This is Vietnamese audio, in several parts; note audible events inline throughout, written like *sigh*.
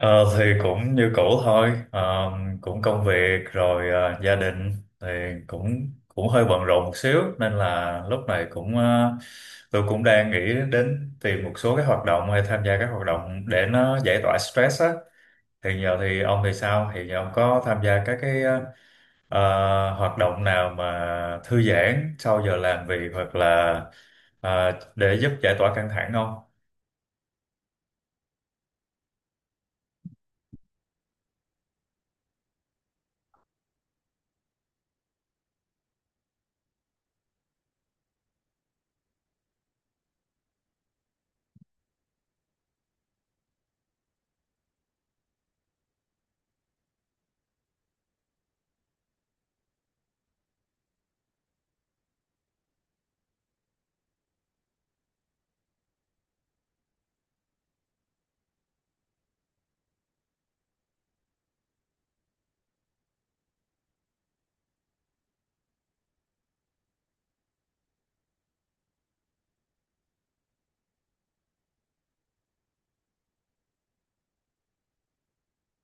Ờ, thì cũng như cũ thôi. Ờ, Cũng công việc rồi, gia đình thì cũng cũng hơi bận rộn một xíu, nên là lúc này cũng, tôi cũng đang nghĩ đến tìm một số cái hoạt động hay tham gia các hoạt động để nó giải tỏa stress á. Thì giờ thì ông thì sao? Thì giờ ông có tham gia các cái, hoạt động nào mà thư giãn sau giờ làm việc, hoặc là để giúp giải tỏa căng thẳng không?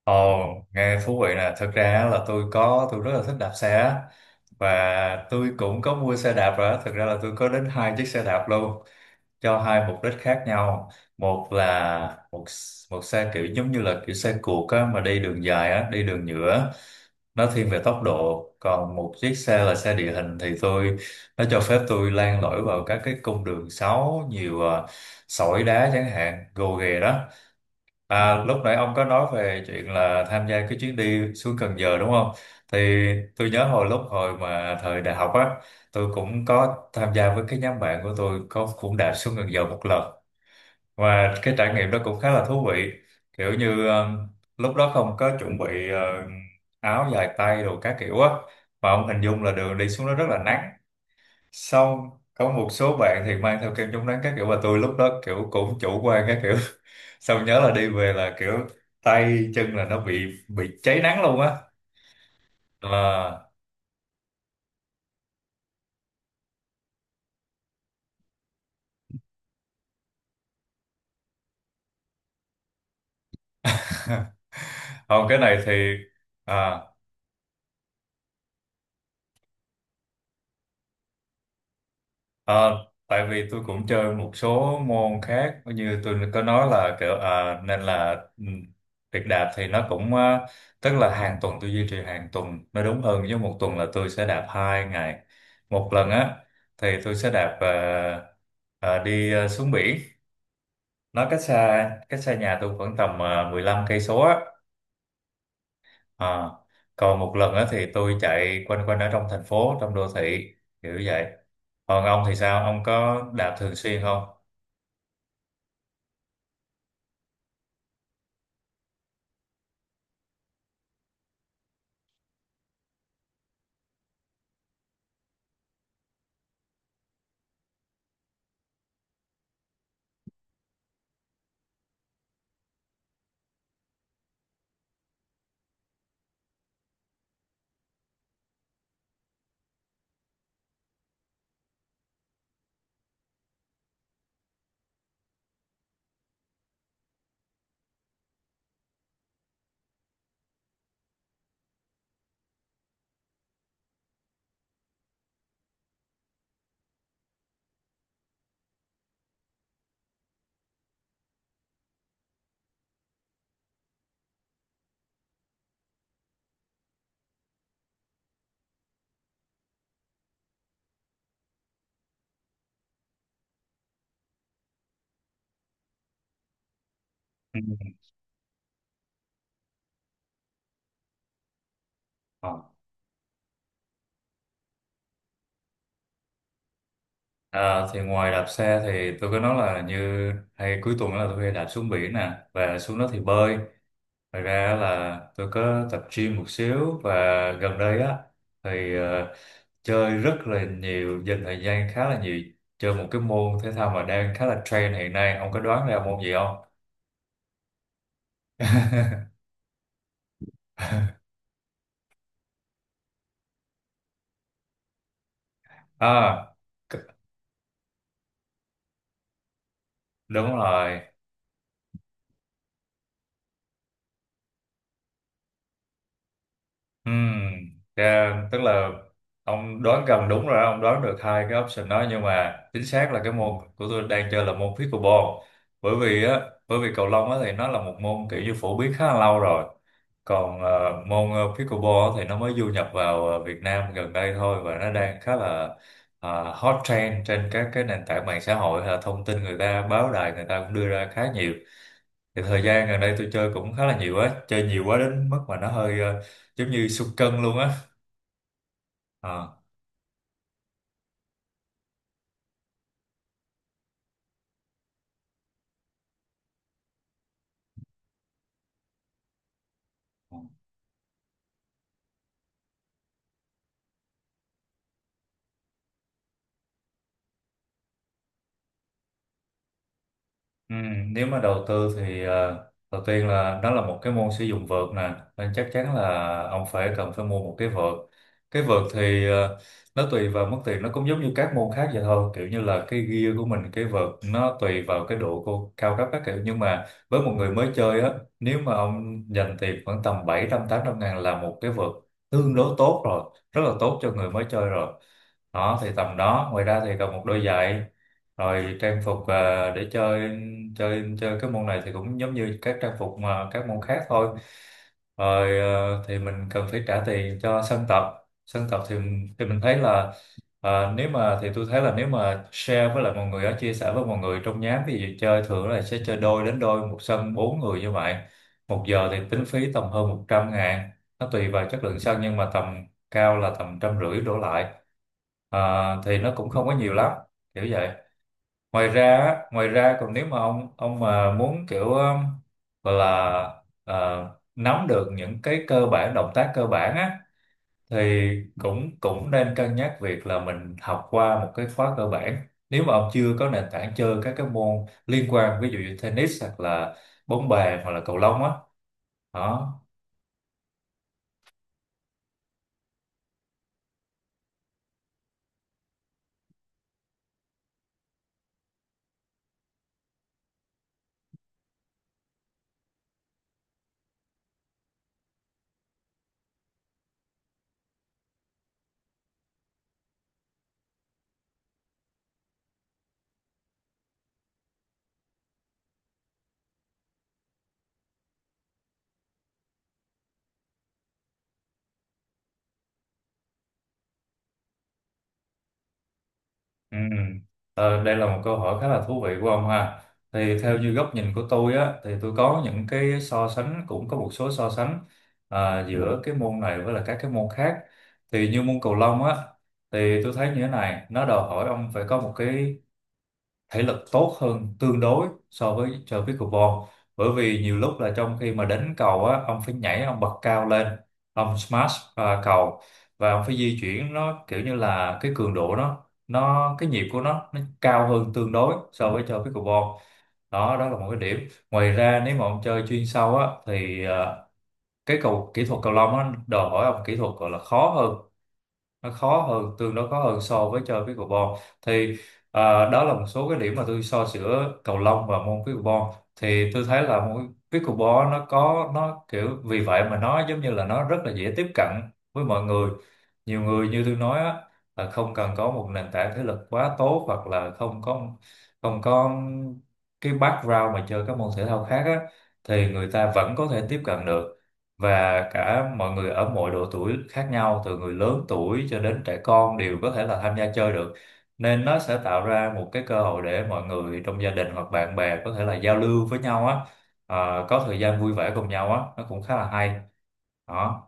Ồ, nghe thú vị nè. Thật ra á là tôi có, tôi rất là thích đạp xe á. Và tôi cũng có mua xe đạp rồi á. Thật ra là tôi có đến hai chiếc xe đạp luôn. Cho hai mục đích khác nhau. Một là một một xe kiểu giống như là kiểu xe cuộc á, mà đi đường dài á, đi đường nhựa á. Nó thiên về tốc độ. Còn một chiếc xe là xe địa hình, thì tôi, nó cho phép tôi len lỏi vào các cái cung đường xấu, nhiều sỏi đá chẳng hạn, gồ ghề đó. À, lúc nãy ông có nói về chuyện là tham gia cái chuyến đi xuống Cần Giờ đúng không? Thì tôi nhớ hồi lúc hồi mà thời đại học á, tôi cũng có tham gia với cái nhóm bạn của tôi, có cũng đã xuống Cần Giờ một lần, và cái trải nghiệm đó cũng khá là thú vị. Kiểu như lúc đó không có chuẩn bị áo dài tay đồ các kiểu á, mà ông hình dung là đường đi xuống đó rất là nắng. Xong có một số bạn thì mang theo kem chống nắng các kiểu, và tôi lúc đó kiểu cũng chủ quan các kiểu, xong nhớ là đi về là kiểu tay chân là nó bị cháy nắng luôn á. Ờ. *laughs* Không, cái này thì à, à, tại vì tôi cũng chơi một số môn khác như tôi có nói là kiểu, nên là ừ, việc đạp thì nó cũng, tức là hàng tuần, tôi duy trì hàng tuần nó đúng hơn, với một tuần là tôi sẽ đạp 2 ngày một lần á, thì tôi sẽ đạp đi xuống biển, nó cách xa nhà tôi khoảng tầm 15 cây số. À, còn một lần á thì tôi chạy quanh quanh ở trong thành phố, trong đô thị, kiểu vậy. Còn ông thì sao? Ông có đạp thường xuyên không? Ừ. Ờ. À, thì ngoài đạp xe thì tôi có nói là, như hay cuối tuần là tôi hay đạp xuống biển nè, và xuống đó thì bơi. Ngoài ra là tôi có tập gym một xíu, và gần đây á thì chơi rất là nhiều, dành thời gian khá là nhiều chơi một cái môn thể thao mà đang khá là trend hiện nay. Ông có đoán ra môn gì không? *laughs* à, c- Đúng rồi. Ừm, tức là ông đoán gần đúng rồi đó. Ông đoán được hai cái option đó, nhưng mà chính xác là cái môn của tôi đang chơi là môn pickleball. bởi vì á Bởi vì cầu lông á thì nó là một môn kiểu như phổ biến khá là lâu rồi, còn môn pickleball á thì nó mới du nhập vào Việt Nam gần đây thôi, và nó đang khá là hot trend trên các cái nền tảng mạng xã hội, thông tin người ta, báo đài người ta cũng đưa ra khá nhiều. Thì thời gian gần đây tôi chơi cũng khá là nhiều á, chơi nhiều quá đến mức mà nó hơi giống như sụt cân luôn á. Ờ. Ừ, nếu mà đầu tư thì đầu tiên là đó là một cái môn sử dụng vợt nè, nên chắc chắn là ông phải cần phải mua một cái vợt. Cái vợt thì nó tùy vào mức tiền, nó cũng giống như các môn khác vậy thôi, kiểu như là cái gear của mình, cái vợt nó tùy vào cái độ cao cấp các kiểu, nhưng mà với một người mới chơi á, nếu mà ông dành tiền khoảng tầm bảy trăm tám trăm ngàn là một cái vợt tương đối tốt rồi, rất là tốt cho người mới chơi rồi. Đó thì tầm đó, ngoài ra thì cần một đôi giày, rồi trang phục để chơi, chơi cái môn này thì cũng giống như các trang phục mà các môn khác thôi. Rồi thì mình cần phải trả tiền cho sân tập. Sân tập thì mình thấy là, nếu mà, thì tôi thấy là, nếu mà share với lại mọi người á, chia sẻ với mọi người trong nhóm, ví dụ chơi thường là sẽ chơi đôi, đến đôi một sân bốn người như vậy, một giờ thì tính phí tầm hơn 100 ngàn, nó tùy vào chất lượng sân, nhưng mà tầm cao là tầm trăm rưỡi đổ lại. Ờ, thì nó cũng không có nhiều lắm, kiểu vậy. Ngoài ra á, ngoài ra còn, nếu mà ông mà muốn kiểu, gọi là ờ, nắm được những cái cơ bản, động tác cơ bản á, thì cũng cũng nên cân nhắc việc là mình học qua một cái khóa cơ bản, nếu mà ông chưa có nền tảng chơi các cái môn liên quan, ví dụ như tennis hoặc là bóng bàn hoặc là cầu lông á. Đó. Ừ. Ờ, đây là một câu hỏi khá là thú vị của ông ha. Thì theo như góc nhìn của tôi á, thì tôi có những cái so sánh, cũng có một số so sánh giữa cái môn này với là các cái môn khác. Thì như môn cầu lông á, thì tôi thấy như thế này, nó đòi hỏi ông phải có một cái thể lực tốt hơn tương đối so với chơi pickleball, bởi vì nhiều lúc là trong khi mà đánh cầu á, ông phải nhảy, ông bật cao lên, ông smash cầu, và ông phải di chuyển, nó kiểu như là cái cường độ nó cái nhịp của nó cao hơn tương đối so với chơi pickleball. Đó, đó là một cái điểm. Ngoài ra nếu mà ông chơi chuyên sâu á thì cái cầu, kỹ thuật cầu lông á đòi hỏi ông kỹ thuật, gọi là khó hơn, nó khó hơn, tương đối khó hơn so với chơi pickleball. Thì đó là một số cái điểm mà tôi so giữa cầu lông và môn pickleball. Thì tôi thấy là môn pickleball nó có, nó kiểu, vì vậy mà nó giống như là nó rất là dễ tiếp cận với mọi người. Nhiều người, như tôi nói á, là không cần có một nền tảng thể lực quá tốt, hoặc là không có, không có cái background mà chơi các môn thể thao khác á, thì người ta vẫn có thể tiếp cận được, và cả mọi người ở mọi độ tuổi khác nhau, từ người lớn tuổi cho đến trẻ con đều có thể là tham gia chơi được, nên nó sẽ tạo ra một cái cơ hội để mọi người trong gia đình hoặc bạn bè có thể là giao lưu với nhau á, có thời gian vui vẻ cùng nhau á, nó cũng khá là hay. Đó.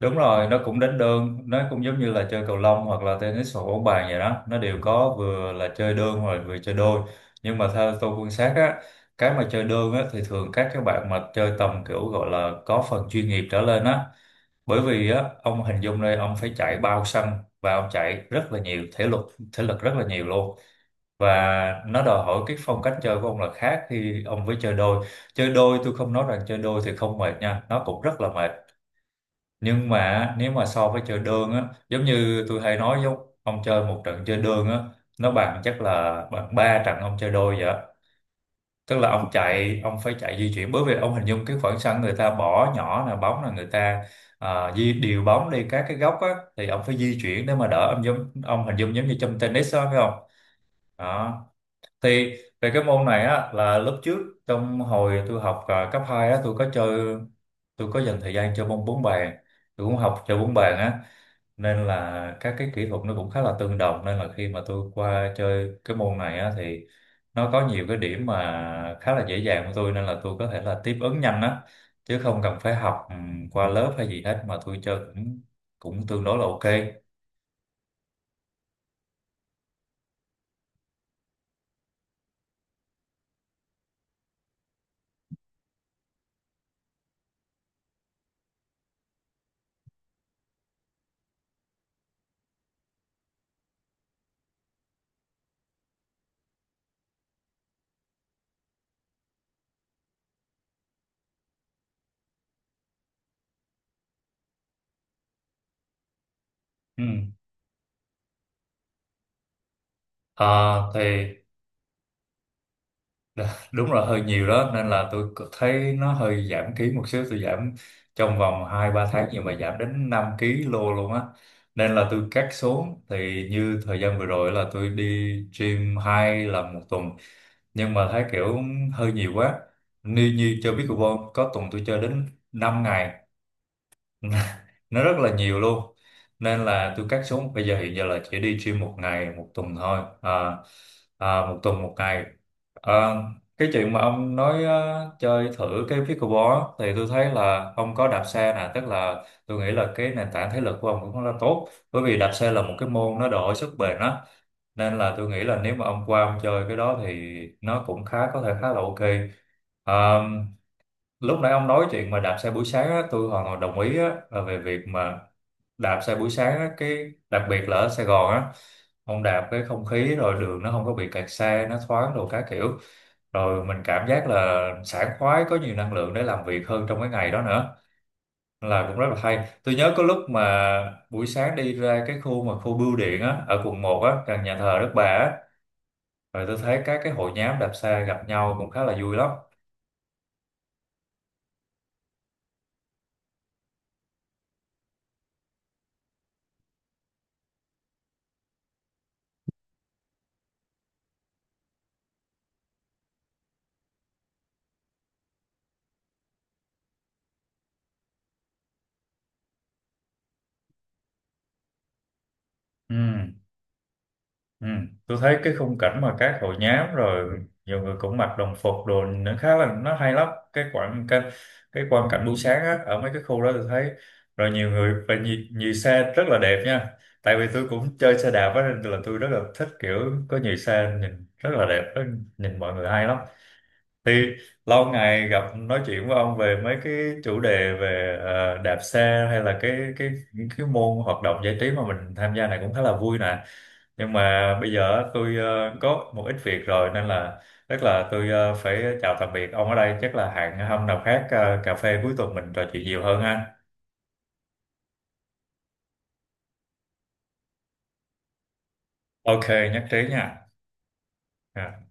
Đúng rồi, nó cũng đánh đơn, nó cũng giống như là chơi cầu lông hoặc là tennis hoặc bóng bàn vậy đó, nó đều có vừa là chơi đơn hoặc là vừa chơi đôi. Nhưng mà theo tôi quan sát á, cái mà chơi đơn á thì thường các bạn mà chơi tầm kiểu, gọi là có phần chuyên nghiệp trở lên á, bởi vì á ông hình dung đây, ông phải chạy bao sân, và ông chạy rất là nhiều thể lực, thể lực rất là nhiều luôn, và nó đòi hỏi cái phong cách chơi của ông là khác khi ông với chơi đôi. Chơi đôi, tôi không nói rằng chơi đôi thì không mệt nha, nó cũng rất là mệt, nhưng mà nếu mà so với chơi đơn á, giống như tôi hay nói, giống ông chơi một trận chơi đơn á, nó bằng, chắc là bằng ba trận ông chơi đôi vậy. Tức là ông chạy, ông phải chạy di chuyển, bởi vì ông hình dung cái khoảng sân người ta bỏ nhỏ là bóng, là người ta di điều bóng đi các cái góc á, thì ông phải di chuyển để mà đỡ, ông giống, ông hình dung giống như trong tennis đó phải không? Đó. Thì về cái môn này á là lúc trước, trong hồi tôi học cấp 2 á, tôi có dành thời gian chơi môn bóng bàn, tôi cũng học chơi bóng bàn á, nên là các cái kỹ thuật nó cũng khá là tương đồng, nên là khi mà tôi qua chơi cái môn này á, thì nó có nhiều cái điểm mà khá là dễ dàng của tôi, nên là tôi có thể là tiếp ứng nhanh á, chứ không cần phải học qua lớp hay gì hết mà tôi chơi cũng cũng tương đối là ok. Ừ. Ờ, thì Đó, đúng là hơi nhiều đó, nên là thấy nó hơi giảm ký một xíu, tôi giảm trong vòng 2 3 tháng nhưng mà giảm đến 5 ký lô luôn á, nên là tôi cắt xuống. Thì như thời gian vừa rồi là tôi đi gym 2 lần 1 tuần nhưng mà thấy kiểu hơi nhiều quá. Như như chơi pickleball có tuần tôi chơi đến 5 ngày, *laughs* nó rất là nhiều luôn, nên là tôi cắt xuống bây giờ, hiện giờ là chỉ đi gym 1 ngày 1 tuần thôi à, à, 1 tuần 1 ngày à, cái chuyện mà ông nói chơi thử cái pickleball á, thì tôi thấy là ông có đạp xe nè, tức là tôi nghĩ là cái nền tảng thể lực của ông cũng rất là tốt, bởi vì đạp xe là một cái môn nó đòi hỏi sức bền á, nên là tôi nghĩ là nếu mà ông qua ông chơi cái đó thì nó cũng khá, có thể khá là ok. À, lúc nãy ông nói chuyện mà đạp xe buổi sáng á, tôi hoàn toàn đồng ý á, là về việc mà đạp xe buổi sáng á, cái đặc biệt là ở Sài Gòn á, ông đạp cái không khí rồi đường nó không có bị kẹt xe, nó thoáng đồ các kiểu, rồi mình cảm giác là sảng khoái, có nhiều năng lượng để làm việc hơn trong cái ngày đó nữa. Nên là cũng rất là hay. Tôi nhớ có lúc mà buổi sáng đi ra cái khu mà khu bưu điện á, ở quận 1 á, gần nhà thờ Đức Bà á, rồi tôi thấy các cái hội nhóm đạp xe gặp nhau cũng khá là vui lắm. Ừ. Ừ. Tôi thấy cái khung cảnh mà các hội nhóm, rồi nhiều người cũng mặc đồng phục đồ, nó khá là, nó hay lắm. cái quãng cái, cái quang cảnh buổi sáng á, ở mấy cái khu đó tôi thấy rồi nhiều người và nhiều xe rất là đẹp nha, tại vì tôi cũng chơi xe đạp á, nên là tôi rất là thích kiểu có nhiều xe nhìn rất là đẹp á, nhìn mọi người hay lắm. Thì lâu ngày gặp nói chuyện với ông về mấy cái chủ đề về đạp xe hay là cái cái môn hoạt động giải trí mà mình tham gia này cũng khá là vui nè. Nhưng mà bây giờ tôi có một ít việc rồi, nên là chắc là tôi phải chào tạm biệt ông ở đây, chắc là hẹn hôm nào khác cà phê cuối tuần mình trò chuyện nhiều hơn ha. Ok, nhất trí nha. Dạ.